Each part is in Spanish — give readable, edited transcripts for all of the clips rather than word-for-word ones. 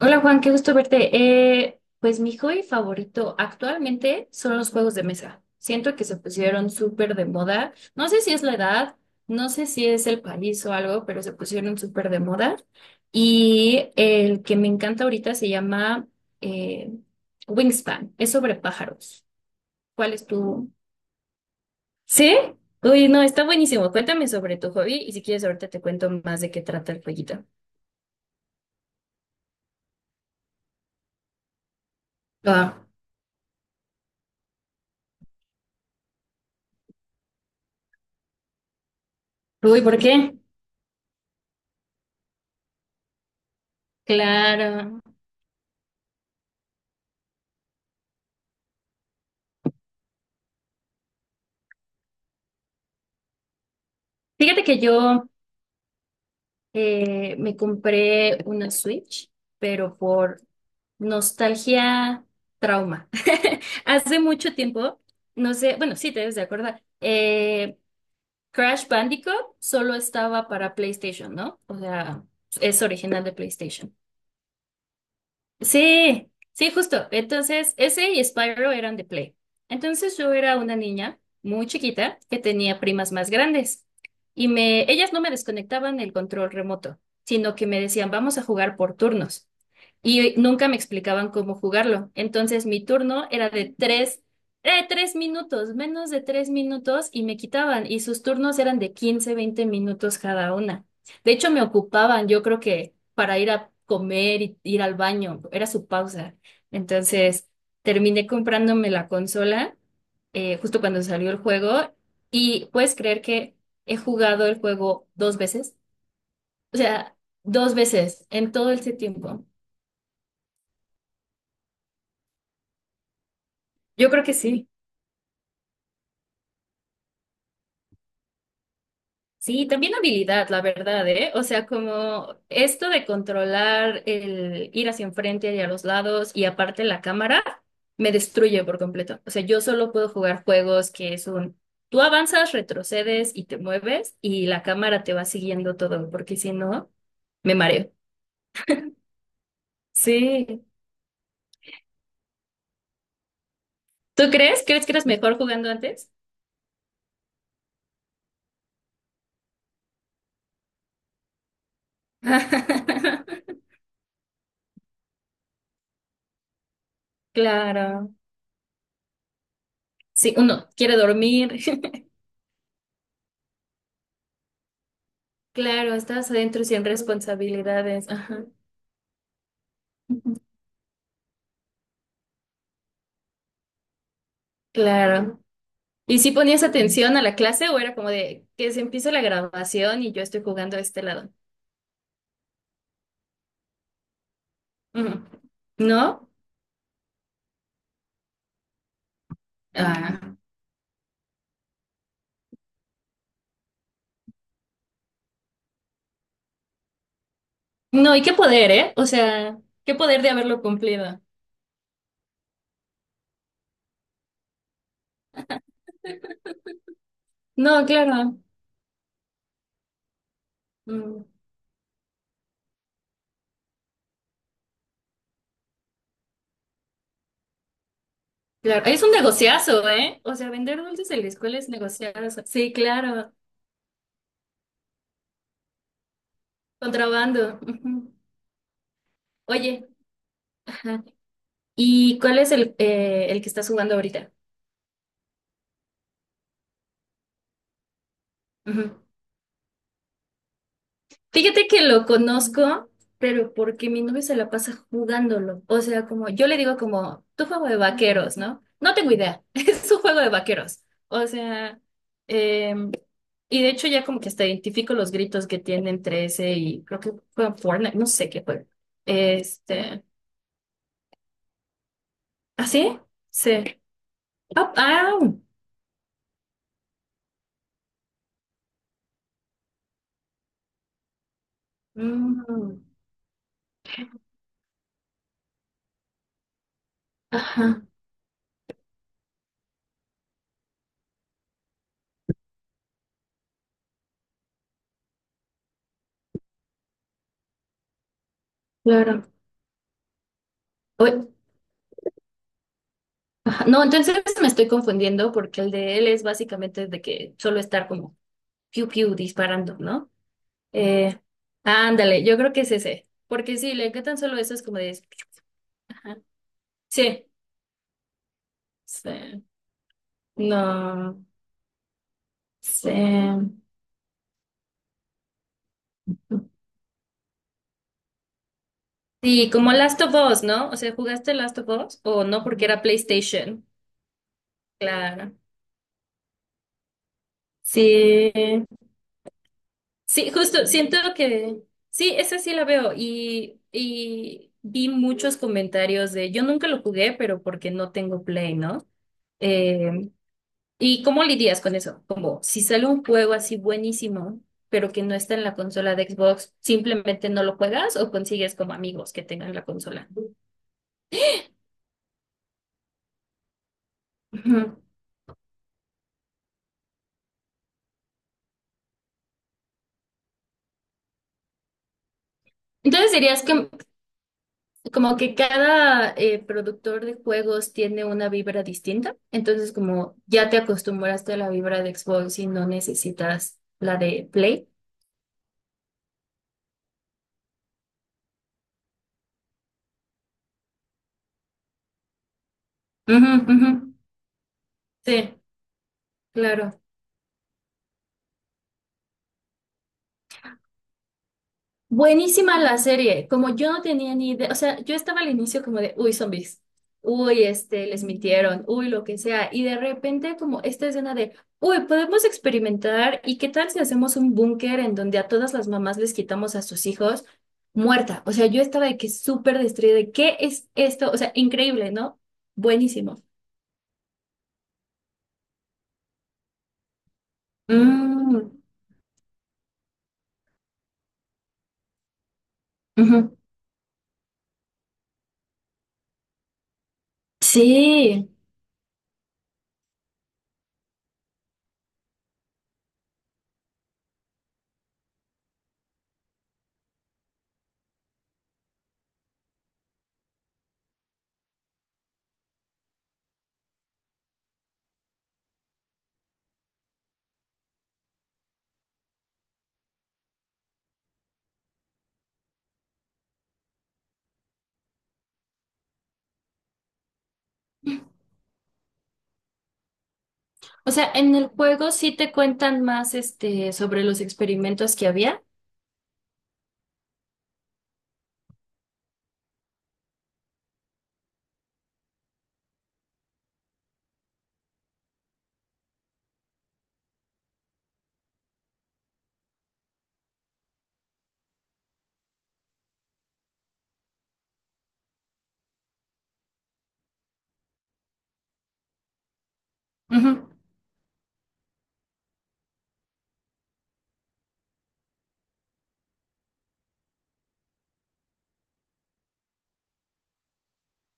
Hola Juan, qué gusto verte. Pues mi hobby favorito actualmente son los juegos de mesa. Siento que se pusieron súper de moda. No sé si es la edad, no sé si es el país o algo, pero se pusieron súper de moda. Y el que me encanta ahorita se llama eh, Wingspan. Es sobre pájaros. ¿Cuál es tu...? ¿Sí? Uy, no, está buenísimo. Cuéntame sobre tu hobby y si quieres ahorita te cuento más de qué trata el jueguito. Ah, uy, ¿por qué? Claro. Fíjate que yo me compré una Switch, pero por nostalgia, trauma. Hace mucho tiempo, no sé, bueno, sí te debes de acordar, Crash Bandicoot solo estaba para PlayStation, ¿no? O sea, es original de PlayStation. Sí, sí, justo. Entonces, ese y Spyro eran de Play. Entonces, yo era una niña muy chiquita que tenía primas más grandes y me, ellas no me desconectaban el control remoto, sino que me decían, vamos a jugar por turnos y nunca me explicaban cómo jugarlo. Entonces mi turno era de tres minutos, menos de 3 minutos y me quitaban y sus turnos eran de 15-20 minutos cada una. De hecho, me ocupaban, yo creo que para ir a comer y ir al baño, era su pausa. Entonces terminé comprándome la consola justo cuando salió el juego y puedes creer que he jugado el juego dos veces, o sea, dos veces en todo ese tiempo. Yo creo que sí. Sí, también habilidad, la verdad, ¿eh? O sea, como esto de controlar el ir hacia enfrente y a los lados y aparte la cámara, me destruye por completo. O sea, yo solo puedo jugar juegos que es un, tú avanzas, retrocedes y te mueves y la cámara te va siguiendo todo, porque si no, me mareo. Sí. ¿Tú crees? ¿Crees que eres mejor jugando antes? Claro. Sí, uno quiere dormir. Claro, estás adentro sin responsabilidades. Ajá. Claro. ¿Y si ponías atención a la clase o era como de que se empieza la grabación y yo estoy jugando a este lado? Ujú. ¿No? Ah. No, y qué poder, ¿eh? O sea, qué poder de haberlo cumplido. No, claro. Mm, claro. Es un negociazo, ¿eh? O sea, vender dulces en la escuela es negociazo. Sí, claro. Contrabando. Ujú. Oye, ajá. ¿Y cuál es el que estás jugando ahorita? Ujú. Fíjate que lo conozco, pero porque mi novio se la pasa jugándolo. O sea, como yo le digo como, tu juego de vaqueros, ¿no? No tengo idea, es un juego de vaqueros. O sea, em, y de hecho ya como que hasta identifico los gritos que tiene entre ese y creo que juega Fortnite, no sé qué juega. Este, ¿ah, sí? Sí. Ah, ah, mm, ajá, claro. Oye, ajá, no, entonces me estoy confundiendo porque el de él es básicamente de que solo estar como piu piu disparando, ¿no? Eh, ándale, yo creo que es ese. Porque sí, le encantan solo eso, es como de. Ajá. Sí, sí, no, sí. Sí, como Last of Us, ¿no? O sea, ¿jugaste Last of Us o no? Porque era PlayStation. Claro. Sí, sí, justo, siento que sí, esa sí la veo y vi muchos comentarios de, yo nunca lo jugué, pero porque no tengo Play, ¿no? Eh, ¿Y cómo lidias con eso? Como si sale un juego así buenísimo, pero que no está en la consola de Xbox, ¿simplemente no lo juegas o consigues como amigos que tengan la consola? Ujú. Entonces dirías que como que cada productor de juegos tiene una vibra distinta, entonces como ya te acostumbraste a la vibra de Xbox y no necesitas la de Play. Ujú, ujú. Sí, claro. Buenísima la serie, como yo no tenía ni idea, o sea, yo estaba al inicio como de, uy, zombies, uy, este, les mintieron, uy, lo que sea, y de repente como esta escena de, uy, podemos experimentar y qué tal si hacemos un búnker en donde a todas las mamás les quitamos a sus hijos muerta, o sea, yo estaba de que súper destruida, de, ¿qué es esto? O sea, increíble, ¿no? Buenísimo. Mm, ujú. Sí. O sea, en el juego sí te cuentan más, este, sobre los experimentos que había. Ujú.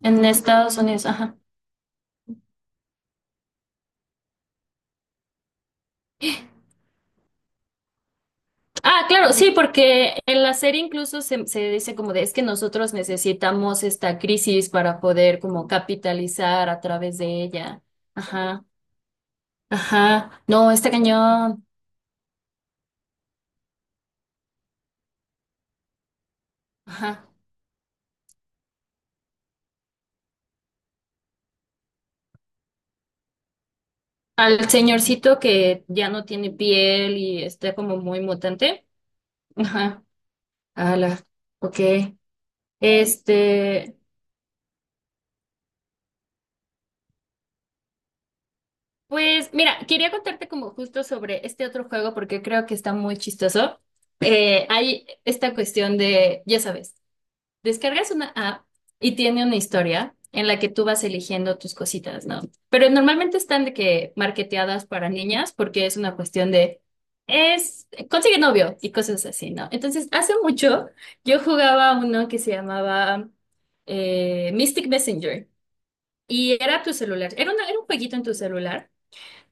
En Estados Unidos, ajá. Ah, claro, sí, porque en la serie incluso se dice como de es que nosotros necesitamos esta crisis para poder como capitalizar a través de ella. Ajá, ajá. No, está cañón. Ajá. Al señorcito que ya no tiene piel y está como muy mutante. Ajá. Ala, ok. Este. Pues mira, quería contarte como justo sobre este otro juego porque creo que está muy chistoso. Hay esta cuestión de, ya sabes, descargas una app y tiene una historia en la que tú vas eligiendo tus cositas, ¿no? Pero normalmente están de que marketeadas para niñas porque es una cuestión de, es, consigue novio y cosas así, ¿no? Entonces, hace mucho yo jugaba uno que se llamaba Mystic Messenger y era tu celular, era un jueguito en tu celular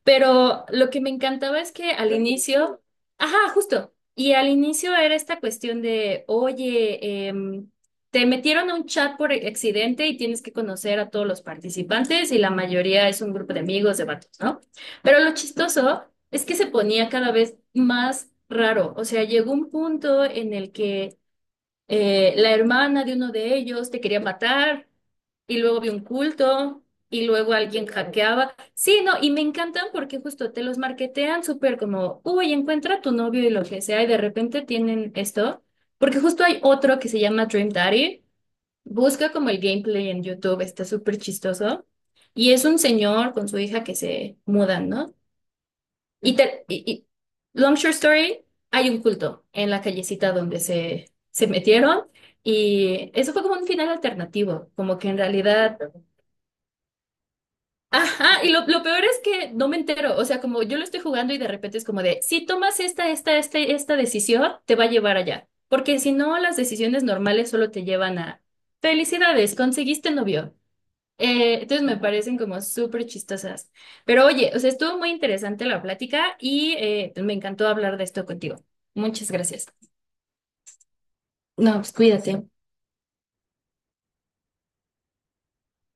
pero lo que me encantaba es que al inicio, ajá, justo, y al inicio era esta cuestión de, oye, te metieron a un chat por accidente y tienes que conocer a todos los participantes y la mayoría es un grupo de amigos, de vatos, ¿no? Pero lo chistoso es que se ponía cada vez más raro, o sea, llegó un punto en el que la hermana de uno de ellos te quería matar, y luego vi un culto, y luego alguien hackeaba. Sí, no, y me encantan porque justo te los marketean súper como, uy, encuentra a tu novio y lo que sea, y de repente tienen esto, porque justo hay otro que se llama Dream Daddy, busca como el gameplay en YouTube, está súper chistoso, y es un señor con su hija que se mudan, ¿no? Y long short story, hay un culto en la callecita donde se metieron y eso fue como un final alternativo, como que en realidad... Ajá, y lo peor es que no me entero, o sea, como yo lo estoy jugando y de repente es como de, si tomas esta decisión, te va a llevar allá, porque si no, las decisiones normales solo te llevan a, felicidades, conseguiste novio. Entonces me parecen como súper chistosas. Pero oye, o sea, estuvo muy interesante la plática y me encantó hablar de esto contigo. Muchas gracias. No, pues cuídate.